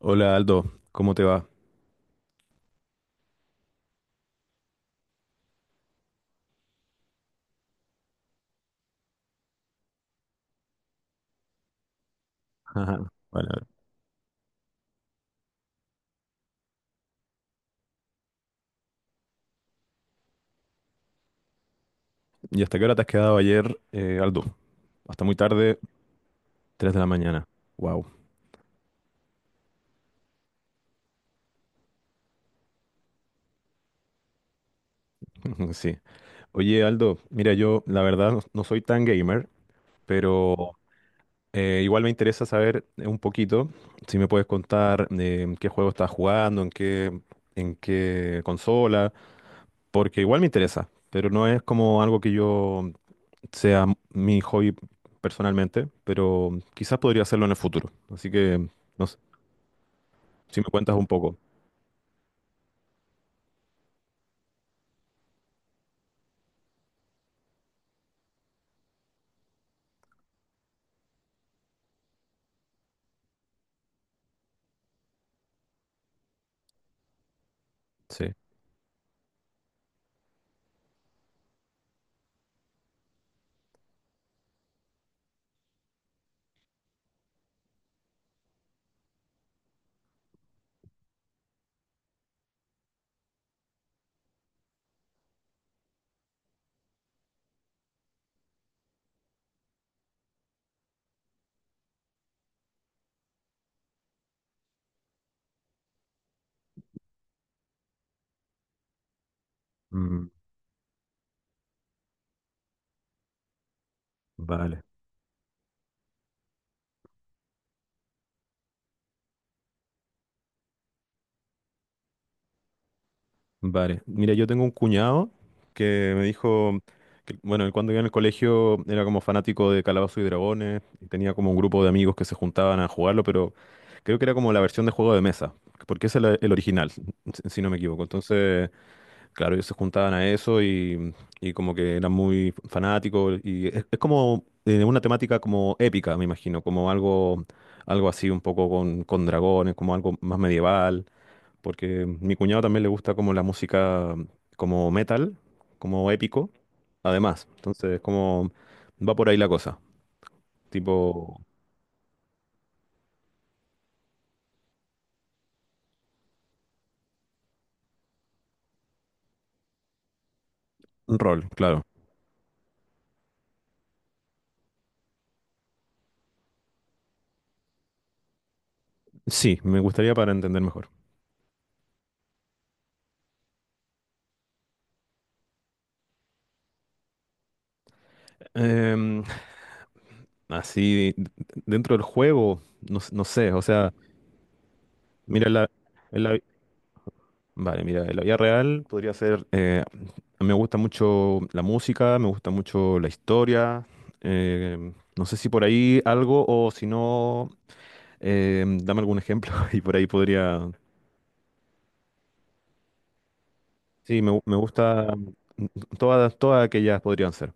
Hola Aldo, ¿cómo te va? Ajá. Bueno, ¿y hasta qué hora te has quedado ayer, Aldo? Hasta muy tarde, 3 de la mañana. Wow. Sí. Oye Aldo, mira, yo la verdad no, no soy tan gamer, pero igual me interesa saber un poquito, si me puedes contar en qué juego estás jugando, en qué consola, porque igual me interesa, pero no es como algo que yo sea mi hobby personalmente, pero quizás podría hacerlo en el futuro. Así que no. Si me cuentas un poco. Sí. Mm, vale, vale. Mira, yo tengo un cuñado que me dijo que, bueno, él cuando iba en el colegio era como fanático de Calabozos y Dragones y tenía como un grupo de amigos que se juntaban a jugarlo, pero creo que era como la versión de juego de mesa, porque ese es el original, si si no me equivoco. Entonces, claro, ellos se juntaban a eso y como que eran muy fanáticos y es como una temática como épica, me imagino, algo así un poco con dragones, como algo más medieval, porque mi cuñado también le gusta como la música como metal, como épico, además, entonces como va por ahí la cosa, tipo un rol, claro. Sí, me gustaría para entender mejor. Em, así, d- dentro del juego, no, no sé, o sea... Mira, la, en la- Vale, mira, en la vida real podría ser, me gusta mucho la música, me gusta mucho la historia, eh, no sé si por ahí algo o si no, dame algún ejemplo y por ahí podría, sí, me gusta, mm, todas aquellas podrían ser.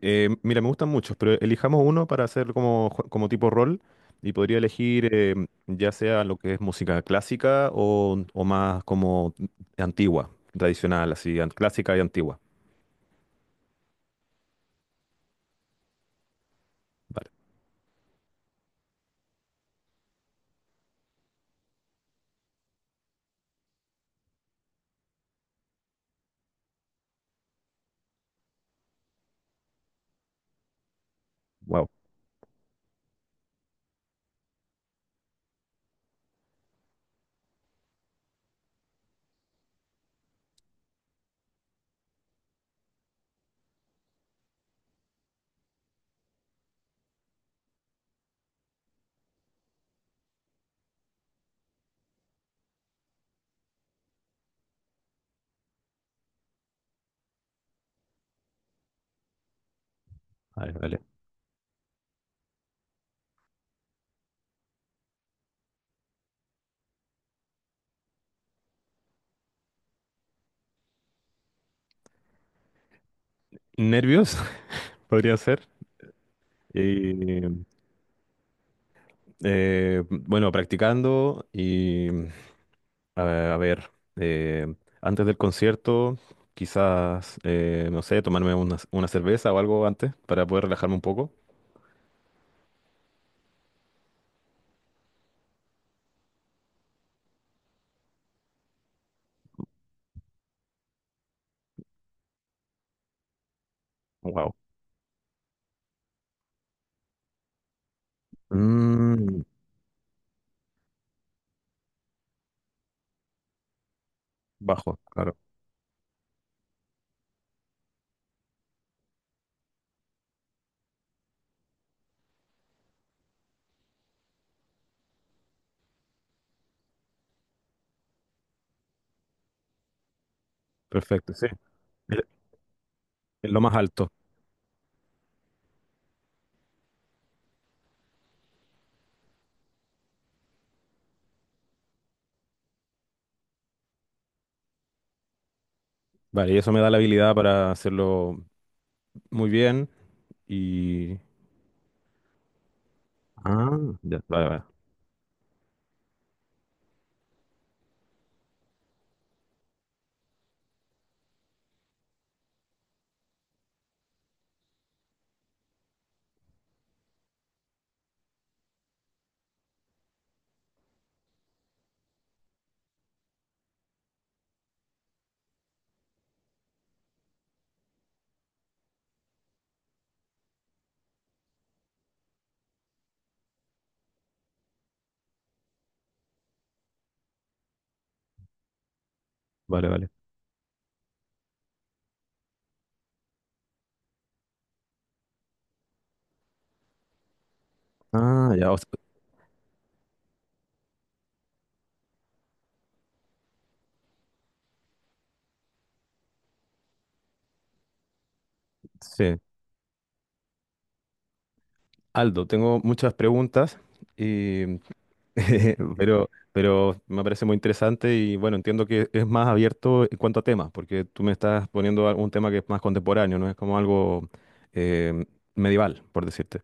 Mira, me gustan muchos, pero elijamos uno para hacer como, como tipo rol y podría elegir ya sea lo que es música clásica o más como antigua, tradicional, clásica y antigua. Vale, wow. Vale, vale. Nervios, podría ser. Y, bueno, practicando y a ver, eh, antes del concierto, quizás, no sé, tomarme una cerveza o algo antes para poder relajarme un poco. Mm, bajo, claro. Perfecto, sí. Es es lo más alto. Vale, y eso me da la habilidad para hacerlo muy bien y... Ah, ya, vale, vale, vale, vale. Ah, ya, o sea, sí. Aldo, tengo muchas preguntas, y, pero me parece muy interesante y bueno, entiendo que es más abierto en cuanto a temas, porque tú me estás poniendo algún tema que es más contemporáneo, no es como algo eh, medieval, por decirte.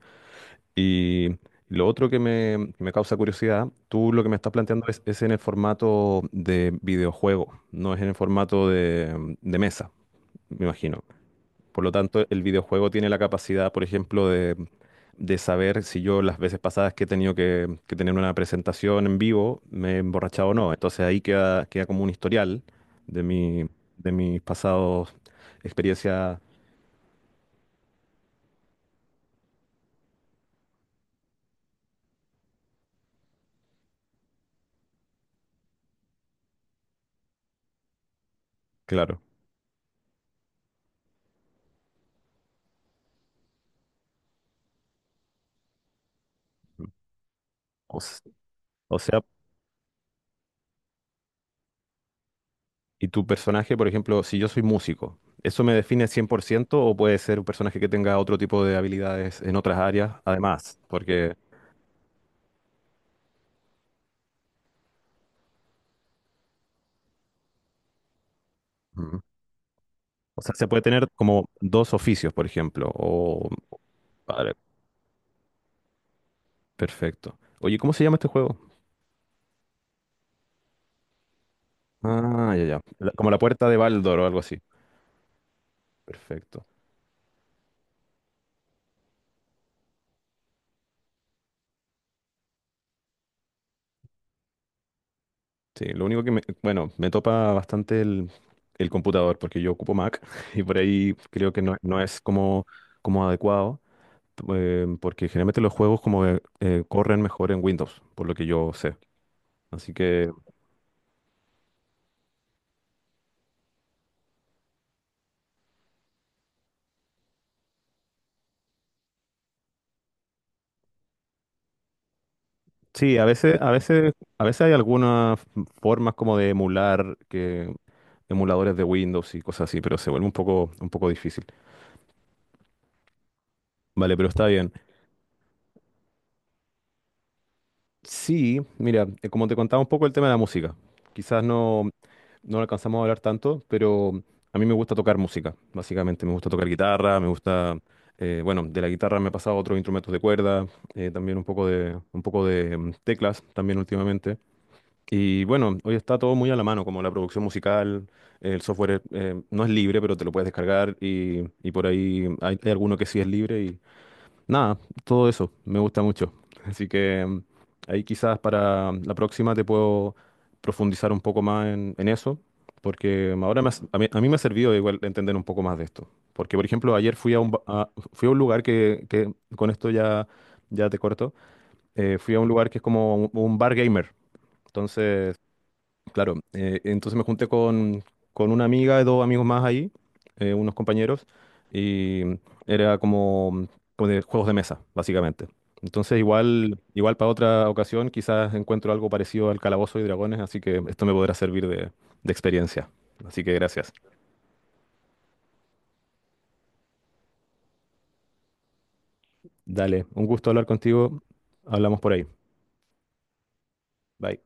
Y lo otro que me, causa curiosidad, tú lo que me estás planteando es en el formato de videojuego, no es en el formato de mesa, me imagino. Por lo tanto, el videojuego tiene la capacidad, por ejemplo, de saber si yo las veces pasadas que he tenido que tener una presentación en vivo me he emborrachado o no. Entonces ahí queda como un historial de mi, de mis pasados experiencias, claro. O s- o sea, y tu personaje, por ejemplo, si yo soy músico, ¿eso me define 100% o puede ser un personaje que tenga otro tipo de habilidades en otras áreas? Además, porque, ujú, o sea, se puede tener como dos oficios, por ejemplo. O, vale, perfecto. Oye, ¿cómo se llama este juego? Ah, ya, ya. La- como la puerta de Baldor o algo así. Perfecto. Sí, lo único que me, bueno, me topa bastante el computador porque yo ocupo Mac y por ahí creo que no, no es como, como adecuado. Porque generalmente los juegos como que, corren mejor en Windows, por lo que yo sé. Así que sí, a veces, a veces, a veces hay algunas formas como de emular que emuladores de Windows y cosas así, pero se vuelve un poco difícil. Vale, pero está bien. Sí, mira, como te contaba un poco el tema de la música. Quizás no. No alcanzamos a hablar tanto, pero a mí me gusta tocar música, básicamente. Me gusta tocar guitarra, me gusta, bueno, de la guitarra me he pasado a otros instrumentos de cuerda, también un poco de teclas también últimamente. Y bueno, hoy está todo muy a la mano, como la producción musical, el software no es libre, pero te lo puedes descargar y por ahí hay, hay alguno que sí es libre. Nada, todo eso me gusta mucho. Así que ahí quizás para la próxima te puedo profundizar un poco más en eso, porque ahora a mí, me ha servido igual entender un poco más de esto. Porque, por ejemplo, ayer fui a fui a un lugar que, con esto ya, ya te corto, fui a un lugar que es como un bar gamer. Entonces, claro, entonces me junté con una amiga y dos amigos más ahí, unos compañeros, y era como, como de juegos de mesa, básicamente. Entonces igual, igual para otra ocasión quizás encuentro algo parecido al Calabozo y Dragones, así que esto me podrá servir de experiencia. Así que gracias. Dale, un gusto hablar contigo. Hablamos por ahí. Bye.